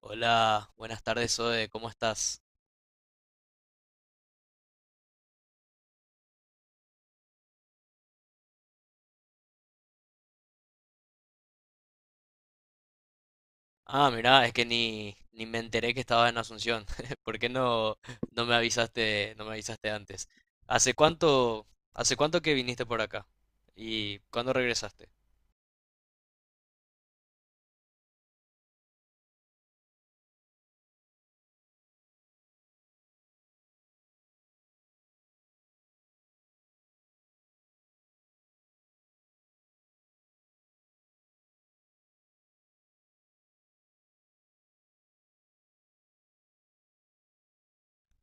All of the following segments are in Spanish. Hola, buenas tardes, Zoe, ¿cómo estás? Ah, mirá, es que ni me enteré que estabas en Asunción. ¿Por qué no, no me avisaste, antes? ¿Hace cuánto, que viniste por acá? ¿Y cuándo regresaste?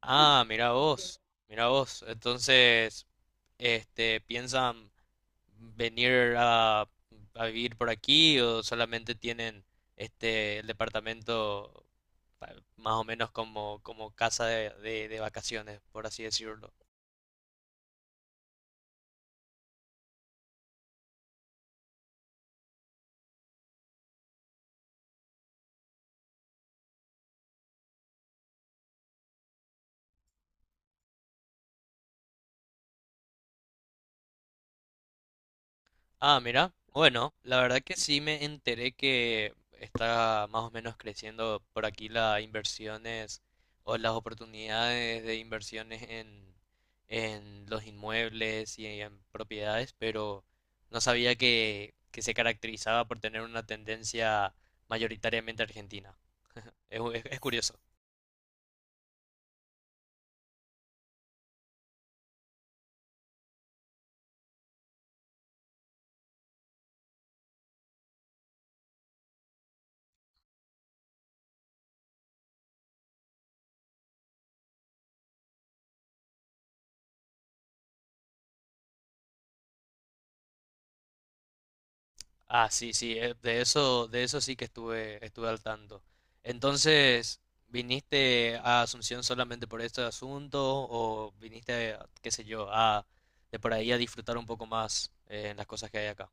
Ah, mirá vos, mirá vos. Entonces, piensan venir a vivir por aquí, ¿o solamente tienen el departamento más o menos como, como casa de, de vacaciones, por así decirlo? Ah, mira, bueno, la verdad que sí me enteré que está más o menos creciendo por aquí las inversiones o las oportunidades de inversiones en los inmuebles y en propiedades, pero no sabía que se caracterizaba por tener una tendencia mayoritariamente argentina. Es, es curioso. Ah, sí, sí, de eso sí que estuve, estuve al tanto. Entonces, ¿viniste a Asunción solamente por este asunto o viniste, qué sé yo, a de por ahí a disfrutar un poco más en las cosas que hay acá?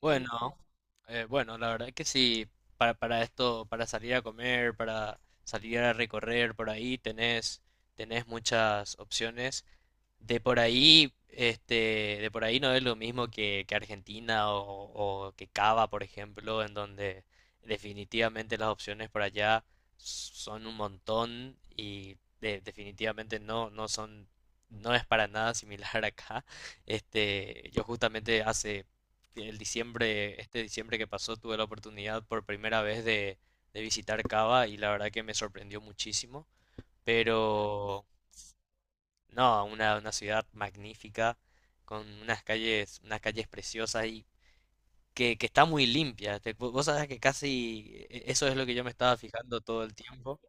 Bueno, bueno, la verdad que sí, para esto, para salir a comer, para salir a recorrer por ahí, tenés, tenés muchas opciones. De por ahí, de por ahí no es lo mismo que Argentina o que Cava, por ejemplo, en donde definitivamente las opciones por allá son un montón y definitivamente no, no son, no es para nada similar acá. Yo justamente hace el diciembre, este diciembre que pasó, tuve la oportunidad por primera vez de visitar Cava, y la verdad que me sorprendió muchísimo. Pero no, una ciudad magnífica, con unas calles preciosas y que está muy limpia. Vos sabés que casi eso es lo que yo me estaba fijando todo el tiempo,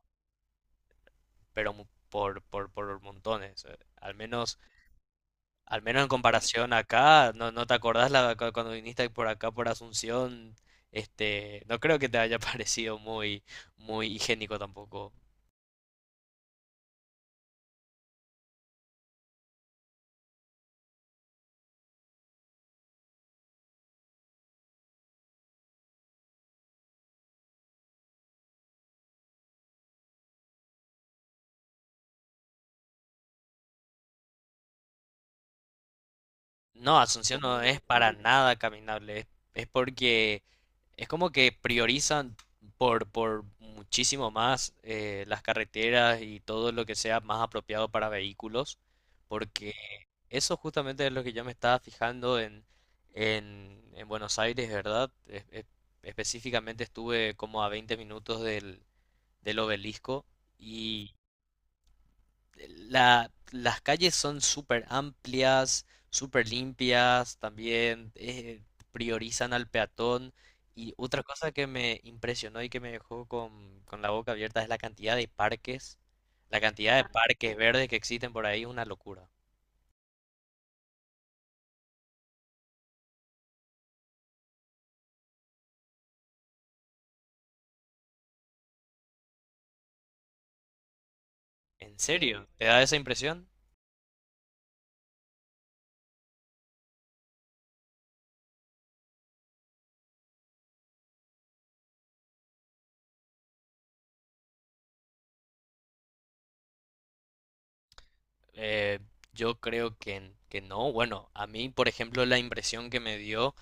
pero por, por montones. Al menos en comparación acá, no, no te acordás la, cuando viniste por acá por Asunción, no creo que te haya parecido muy, muy higiénico tampoco. No, Asunción no es para nada caminable, es porque es como que priorizan por muchísimo más las carreteras y todo lo que sea más apropiado para vehículos, porque eso justamente es lo que yo me estaba fijando en Buenos Aires, ¿verdad? Específicamente estuve como a 20 minutos del, del obelisco. Las calles son súper amplias, súper limpias, también priorizan al peatón. Y otra cosa que me impresionó y que me dejó con la boca abierta es la cantidad de parques, la cantidad de parques verdes que existen por ahí, es una locura. ¿En serio? ¿Te da esa impresión? Eh, yo creo que no. Bueno, a mí, por ejemplo, la impresión que me dio...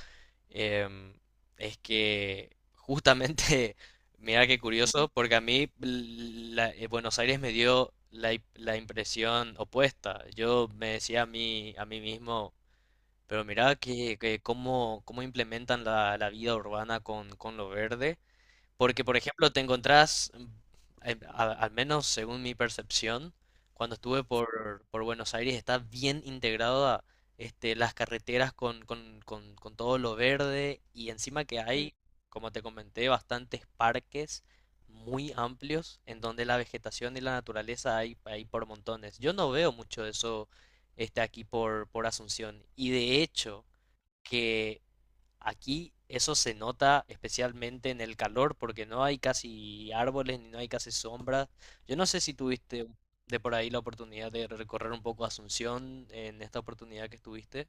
Em, es que justamente, mira qué curioso, porque a mí Buenos Aires me dio la, la impresión opuesta. Yo me decía a mí mismo, pero mira que cómo, cómo implementan la, la vida urbana con lo verde. Porque, por ejemplo, te encontrás, al menos según mi percepción, cuando estuve por Buenos Aires, está bien integrada, las carreteras con todo lo verde, y encima que hay, como te comenté, bastantes parques muy amplios en donde la vegetación y la naturaleza hay, hay por montones. Yo no veo mucho eso aquí por Asunción, y de hecho que aquí eso se nota especialmente en el calor porque no hay casi árboles ni no hay casi sombras. Yo no sé si tuviste de por ahí la oportunidad de recorrer un poco Asunción en esta oportunidad que estuviste.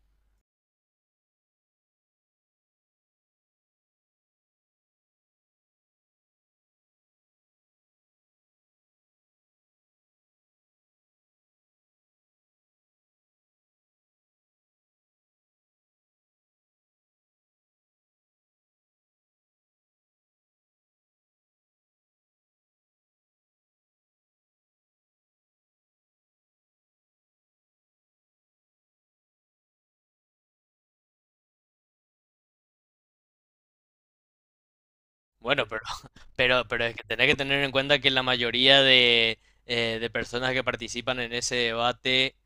Bueno, pero, pero es que tenés que tener en cuenta que la mayoría de personas que participan en ese debate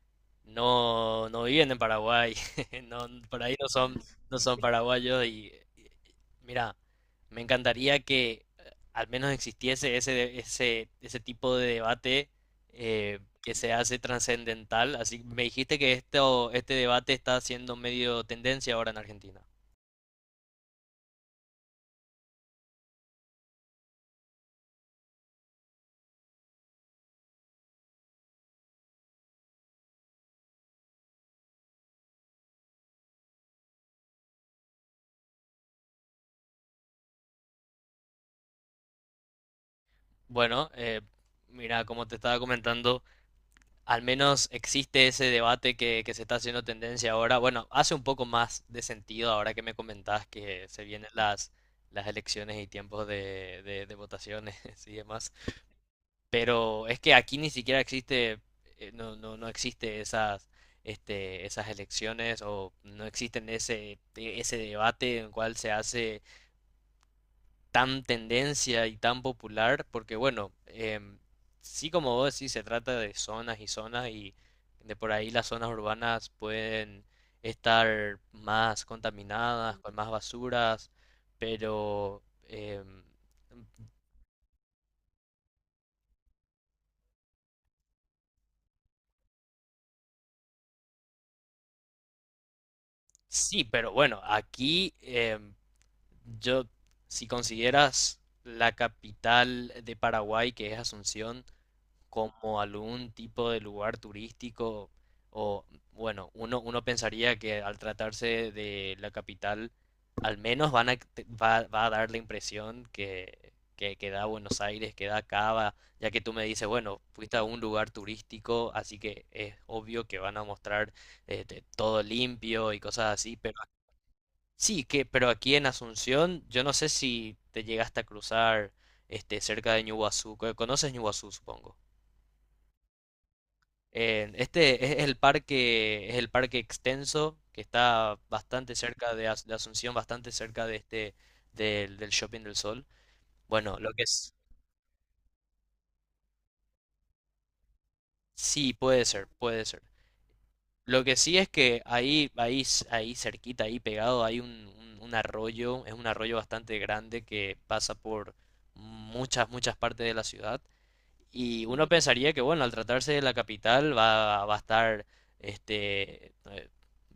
no, no viven en Paraguay, no, por ahí no son, no son paraguayos mira, me encantaría que al menos existiese ese, ese, ese tipo de debate que se hace trascendental. Así me dijiste que esto, este debate está siendo medio tendencia ahora en Argentina. Bueno, mira, como te estaba comentando. Al menos existe ese debate que se está haciendo tendencia ahora. Bueno, hace un poco más de sentido ahora que me comentás que se vienen las elecciones y tiempos de, de votaciones y demás. Pero es que aquí ni siquiera existe, no, no, no existe esas, esas elecciones, o no existen ese, ese debate en el cual se hace tan tendencia y tan popular, porque bueno, sí, como vos decís, se trata de zonas y zonas y de por ahí las zonas urbanas pueden estar más contaminadas, con más basuras, pero sí, pero bueno, aquí yo, si consideras la capital de Paraguay, que es Asunción, como algún tipo de lugar turístico o bueno, uno, uno pensaría que al tratarse de la capital al menos van a, va, va a dar la impresión que da Buenos Aires, que da Cava, ya que tú me dices, bueno, fuiste a un lugar turístico, así que es obvio que van a mostrar todo limpio y cosas así, pero sí, que, pero aquí en Asunción, yo no sé si te llegaste a cruzar cerca de Ñuguazú, conoces Ñuguazú, supongo. Este es el parque extenso que está bastante cerca de, de Asunción, bastante cerca de del, del Shopping del Sol. Bueno, lo que es, sí, puede ser, puede ser. Lo que sí es que ahí, ahí, ahí cerquita, ahí pegado, hay un, un arroyo, es un arroyo bastante grande que pasa por muchas, muchas partes de la ciudad. Y uno pensaría que, bueno, al tratarse de la capital va, va a estar este, eh,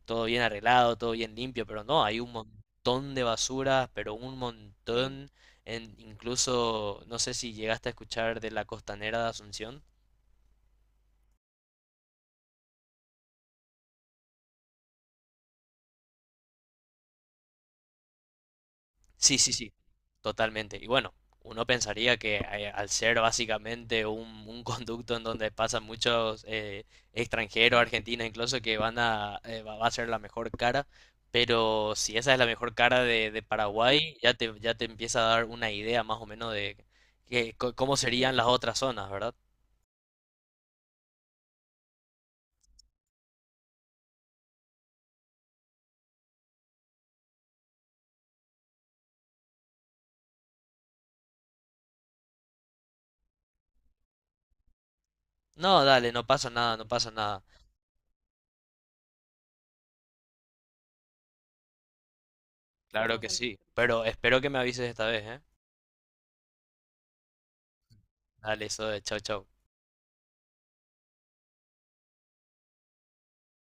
todo bien arreglado, todo bien limpio, pero no, hay un montón de basura, pero un montón, en, incluso, no sé si llegaste a escuchar de la costanera de Asunción. Sí, sí, sí, totalmente. Y bueno, uno pensaría que al ser básicamente un conducto en donde pasan muchos extranjeros, argentinos incluso, que van a, va, va a ser la mejor cara, pero si esa es la mejor cara de Paraguay, ya te empieza a dar una idea más o menos de cómo serían las otras zonas, ¿verdad? No, dale, no pasa nada, no pasa nada. Claro que sí, pero espero que me avises esta vez, ¿eh? Dale, eso de chau, chau.